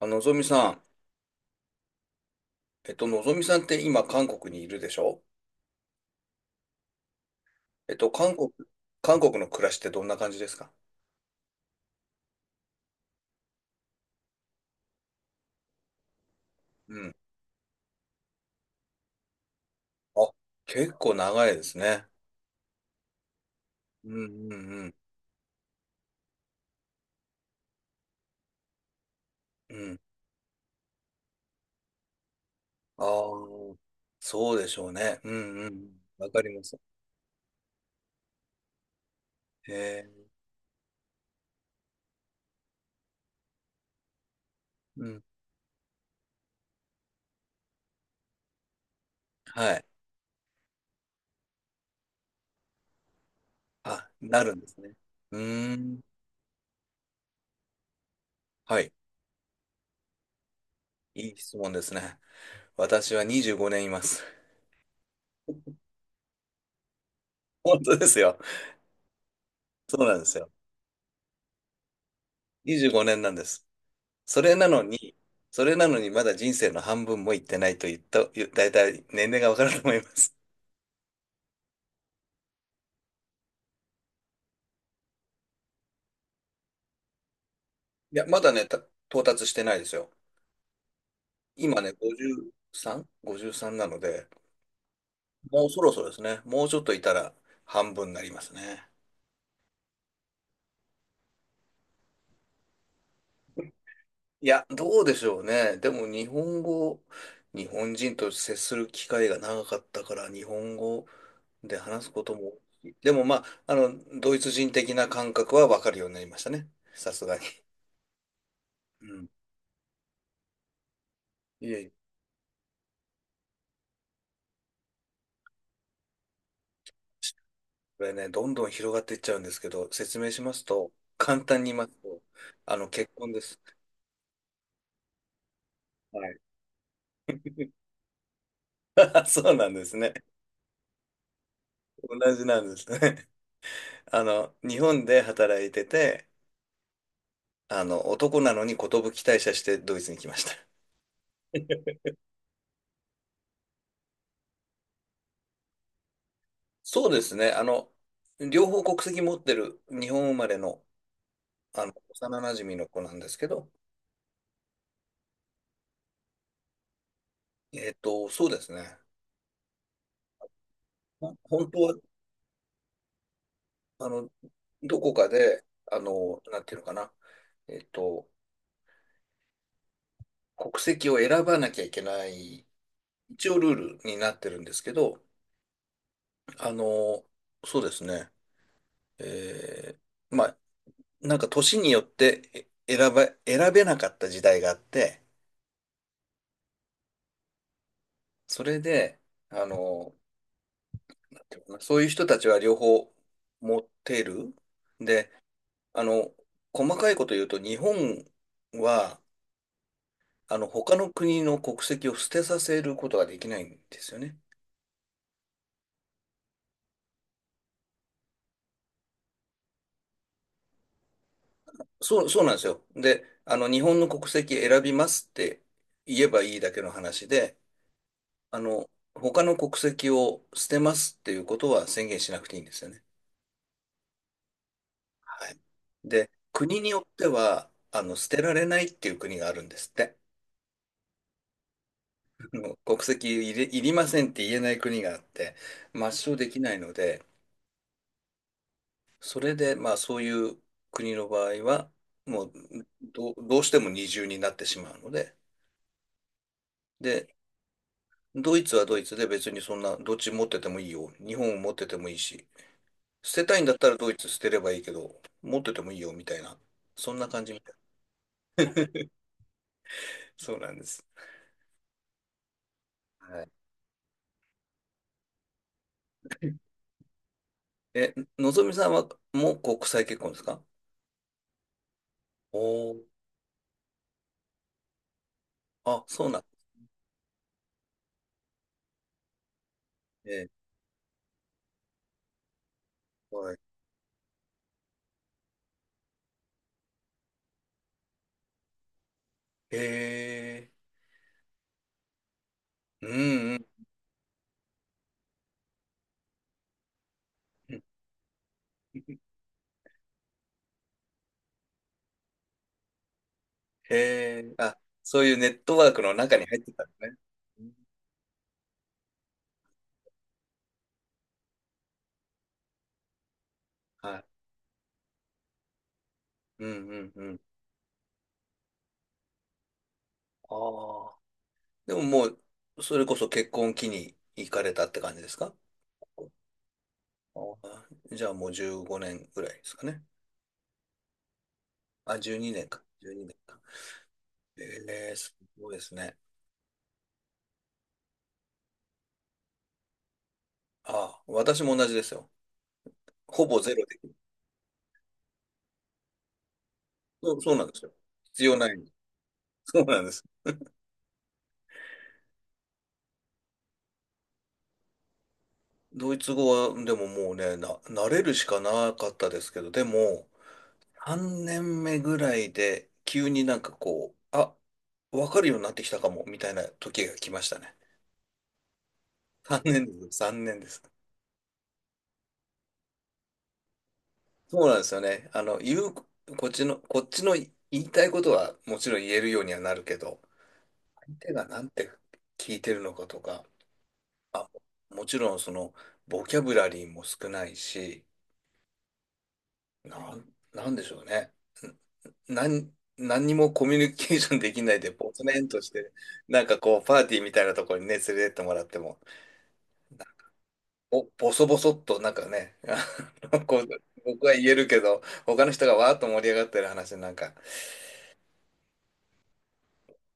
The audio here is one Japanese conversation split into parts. ぞみさん、のぞみさんって今、韓国にいるでしょ。えっと、韓国、韓国の暮らしってどんな感じですか？うん。あ、結構長いですね。うんうんうん。うん。ああ、そうでしょうね。うんうん。わかります。へえ。うん。はい。あ、なるんですね。うーん。はい。いい質問ですね。私は25年います。本当ですよ。そうなんですよ。25年なんです。それなのに、まだ人生の半分も行ってないと言った、だいたい年齢がわかると思います。いや、まだね、到達してないですよ。今ね、53? 53なので、もうそろそろですね。もうちょっといたら半分になりますね。いや、どうでしょうね。でも日本人と接する機会が長かったから、日本語で話すことも、でもまあ、ドイツ人的な感覚はわかるようになりましたね。さすがに。うん。いえいえ。これね、どんどん広がっていっちゃうんですけど、説明しますと、簡単に言いますと、結婚です。はい。あ、そうなんですね。同じなんですね。日本で働いてて、男なのに寿退社してドイツに来ました。そうですね。両方国籍持ってる日本生まれの、幼馴染の子なんですけど、そうですね。本当は、あの、どこかで、あの、なんていうのかな。えっと、国籍を選ばなきゃいけない、一応ルールになってるんですけど、あの、そうですね。えーまあ、なんか年によってえ選ば、選べなかった時代があって、それで、あの、なんていうのかなそういう人たちは両方持ってる。で、あの、細かいこと言うと、日本は、他の国の国籍を捨てさせることができないんですよね。そうなんですよ。で、日本の国籍選びますって言えばいいだけの話で、あの、他の国籍を捨てますっていうことは宣言しなくていいんですよね。はい。で、国によっては、捨てられないっていう国があるんですって。国籍いり、いりませんって言えない国があって、抹消できないので、それで、まあ、そういう国の場合は、もう、どうしても二重になってしまうので、で、ドイツはドイツで別にそんな、どっち持っててもいいよ。日本を持っててもいいし、捨てたいんだったらドイツ捨てればいいけど、持っててもいいよみたいな、そんな感じみたい。そうなんです。はい。え、のぞみさんはもう国際結婚ですか？おおー、あ、そうなんですね。はい。へえ。うんうんうん。へえ。あ、そういうネットワークの中に入ってたんですね。うん。はい。うんうんうん。ああ。でももう、それこそ結婚期に行かれたって感じですか？あーじゃあもう15年ぐらいですかね。あ、12年か。えー、すごいですね。ああ、私も同じですよ。ほぼゼロで。そうなんですよ。必要ない。そうなんです。ドイツ語は、でももうね、慣れるしかなかったですけど、でも、3年目ぐらいで、急になんかこう、あ、わかるようになってきたかも、みたいな時が来ましたね。3年です。そうなんですよね。あの、言う、こっちの、こっちの言いたいことはもちろん言えるようにはなるけど、相手がなんて聞いてるのかとか、あ、もちろんその、ボキャブラリーも少ないし、なんでしょうね。んなん、何にもコミュニケーションできないで、ボツネンとして、なんかこう、パーティーみたいなところにね、連れてってもらっても、お、ボソボソっと、なんかね、あのこう、僕は言えるけど、他の人がわーっと盛り上がってる話なんか、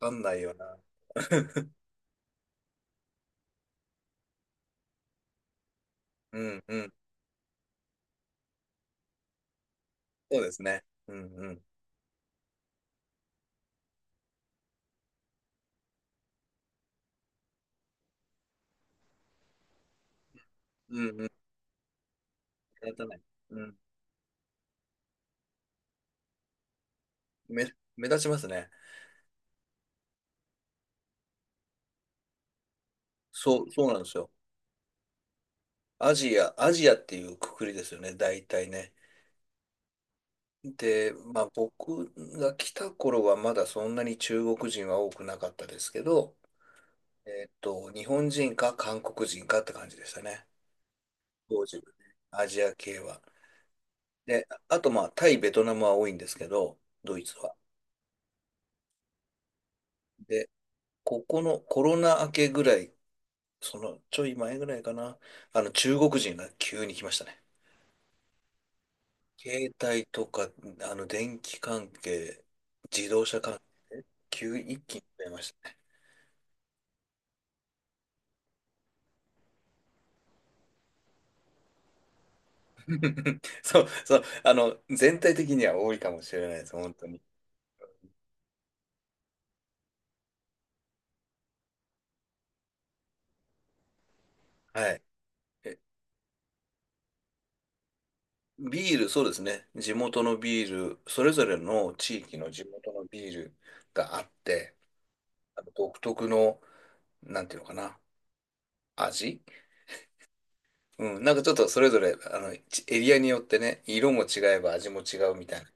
わかんないよな。うんうん。そうですね。うんうん。うんうん。目立たない。うん。目、目立ちますね。そうなんですよ。アジアっていうくくりですよね、大体ね。で、まあ僕が来た頃はまだそんなに中国人は多くなかったですけど、日本人か韓国人かって感じでしたね。当時はね。アジア系は。で、あとまあタイ、ベトナムは多いんですけど、ドイツは。で、ここのコロナ明けぐらいちょい前ぐらいかな、中国人が急に来ましたね。携帯とか、あの電気関係、自動車関係、急に一気に増えましたね。全体的には多いかもしれないです、本当に。はい。え、ビール、そうですね。地元のビール、それぞれの地域の地元のビールがあって、あの独特の、なんていうのかな、味、うん、なんかちょっとそれぞれ、エリアによってね、色も違えば味も違うみたいな。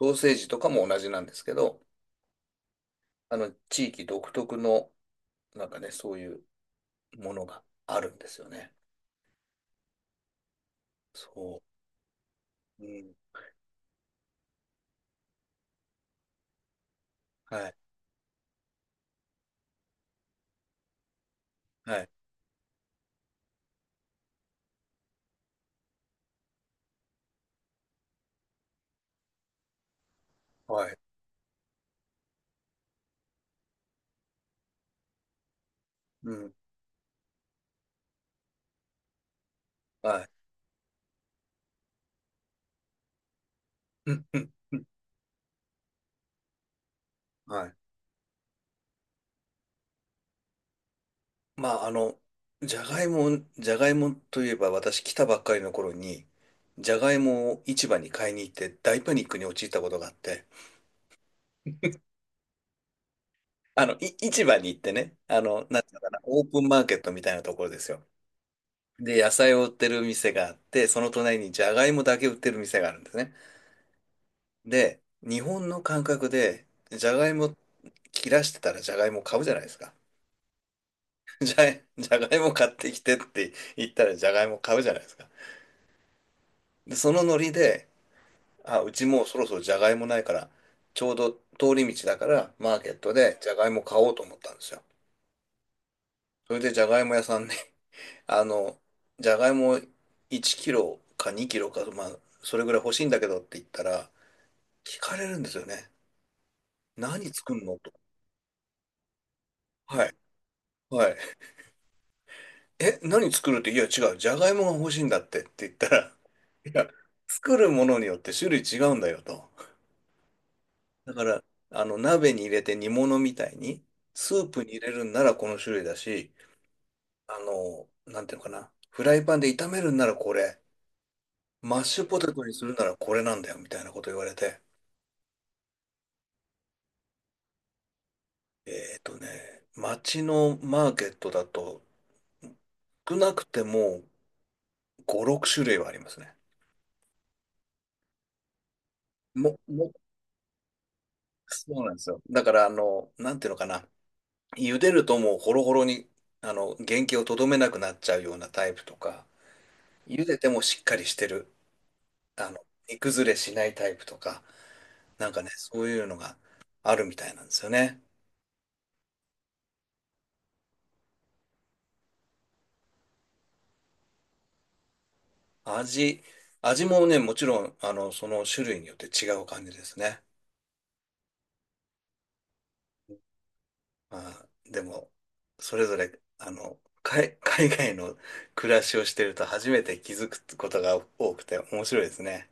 ソーセージとかも同じなんですけど、地域独特の、なんかね、そういうものがあるんですよね。そう。うん。はい。はい。はい。うん。はい。うん。うんうん。はい。まあ、じゃがいも、じゃがいもといえば、私来たばっかりの頃に、じゃがいもを市場に買いに行って大パニックに陥ったことがあって、市場に行ってね、あの、なんていうのかな、オープンマーケットみたいなところですよ。で、野菜を売ってる店があって、その隣にジャガイモだけ売ってる店があるんですね。で、日本の感覚で、ジャガイモ切らしてたらジャガイモ買うじゃないですか。じゃ、ジャガイモ買ってきてって言ったらジャガイモ買うじゃないですか。で、そのノリで、あ、うちもうそろそろジャガイモないから、ちょうど通り道だからマーケットでジャガイモ買おうと思ったんですよ。それでジャガイモ屋さんね、あの、ジャガイモ1キロか2キロか、まあ、それぐらい欲しいんだけどって言ったら、聞かれるんですよね。何作るのと。はい。はい。え、何作るって、いや、違う。じゃがいもが欲しいんだってって言ったら、いや、作るものによって種類違うんだよと。だから、鍋に入れて煮物みたいに、スープに入れるんならこの種類だし、あの、なんていうのかな。フライパンで炒めるんならこれ、マッシュポテトにするならこれなんだよ、みたいなこと言われて。えっとね、街のマーケットだと、少なくても5、6種類はありますね。も、も、そうなんですよ。だから、あの、なんていうのかな。茹でるともうホロホロに、原型をとどめなくなっちゃうようなタイプとか、茹でてもしっかりしてる、あの、煮崩れしないタイプとか、なんかね、そういうのがあるみたいなんですよね。味、味もね、もちろん、その種類によって違う感じですね。まあ、でも、それぞれ、海外の暮らしをしてると初めて気づくことが多くて面白いですね。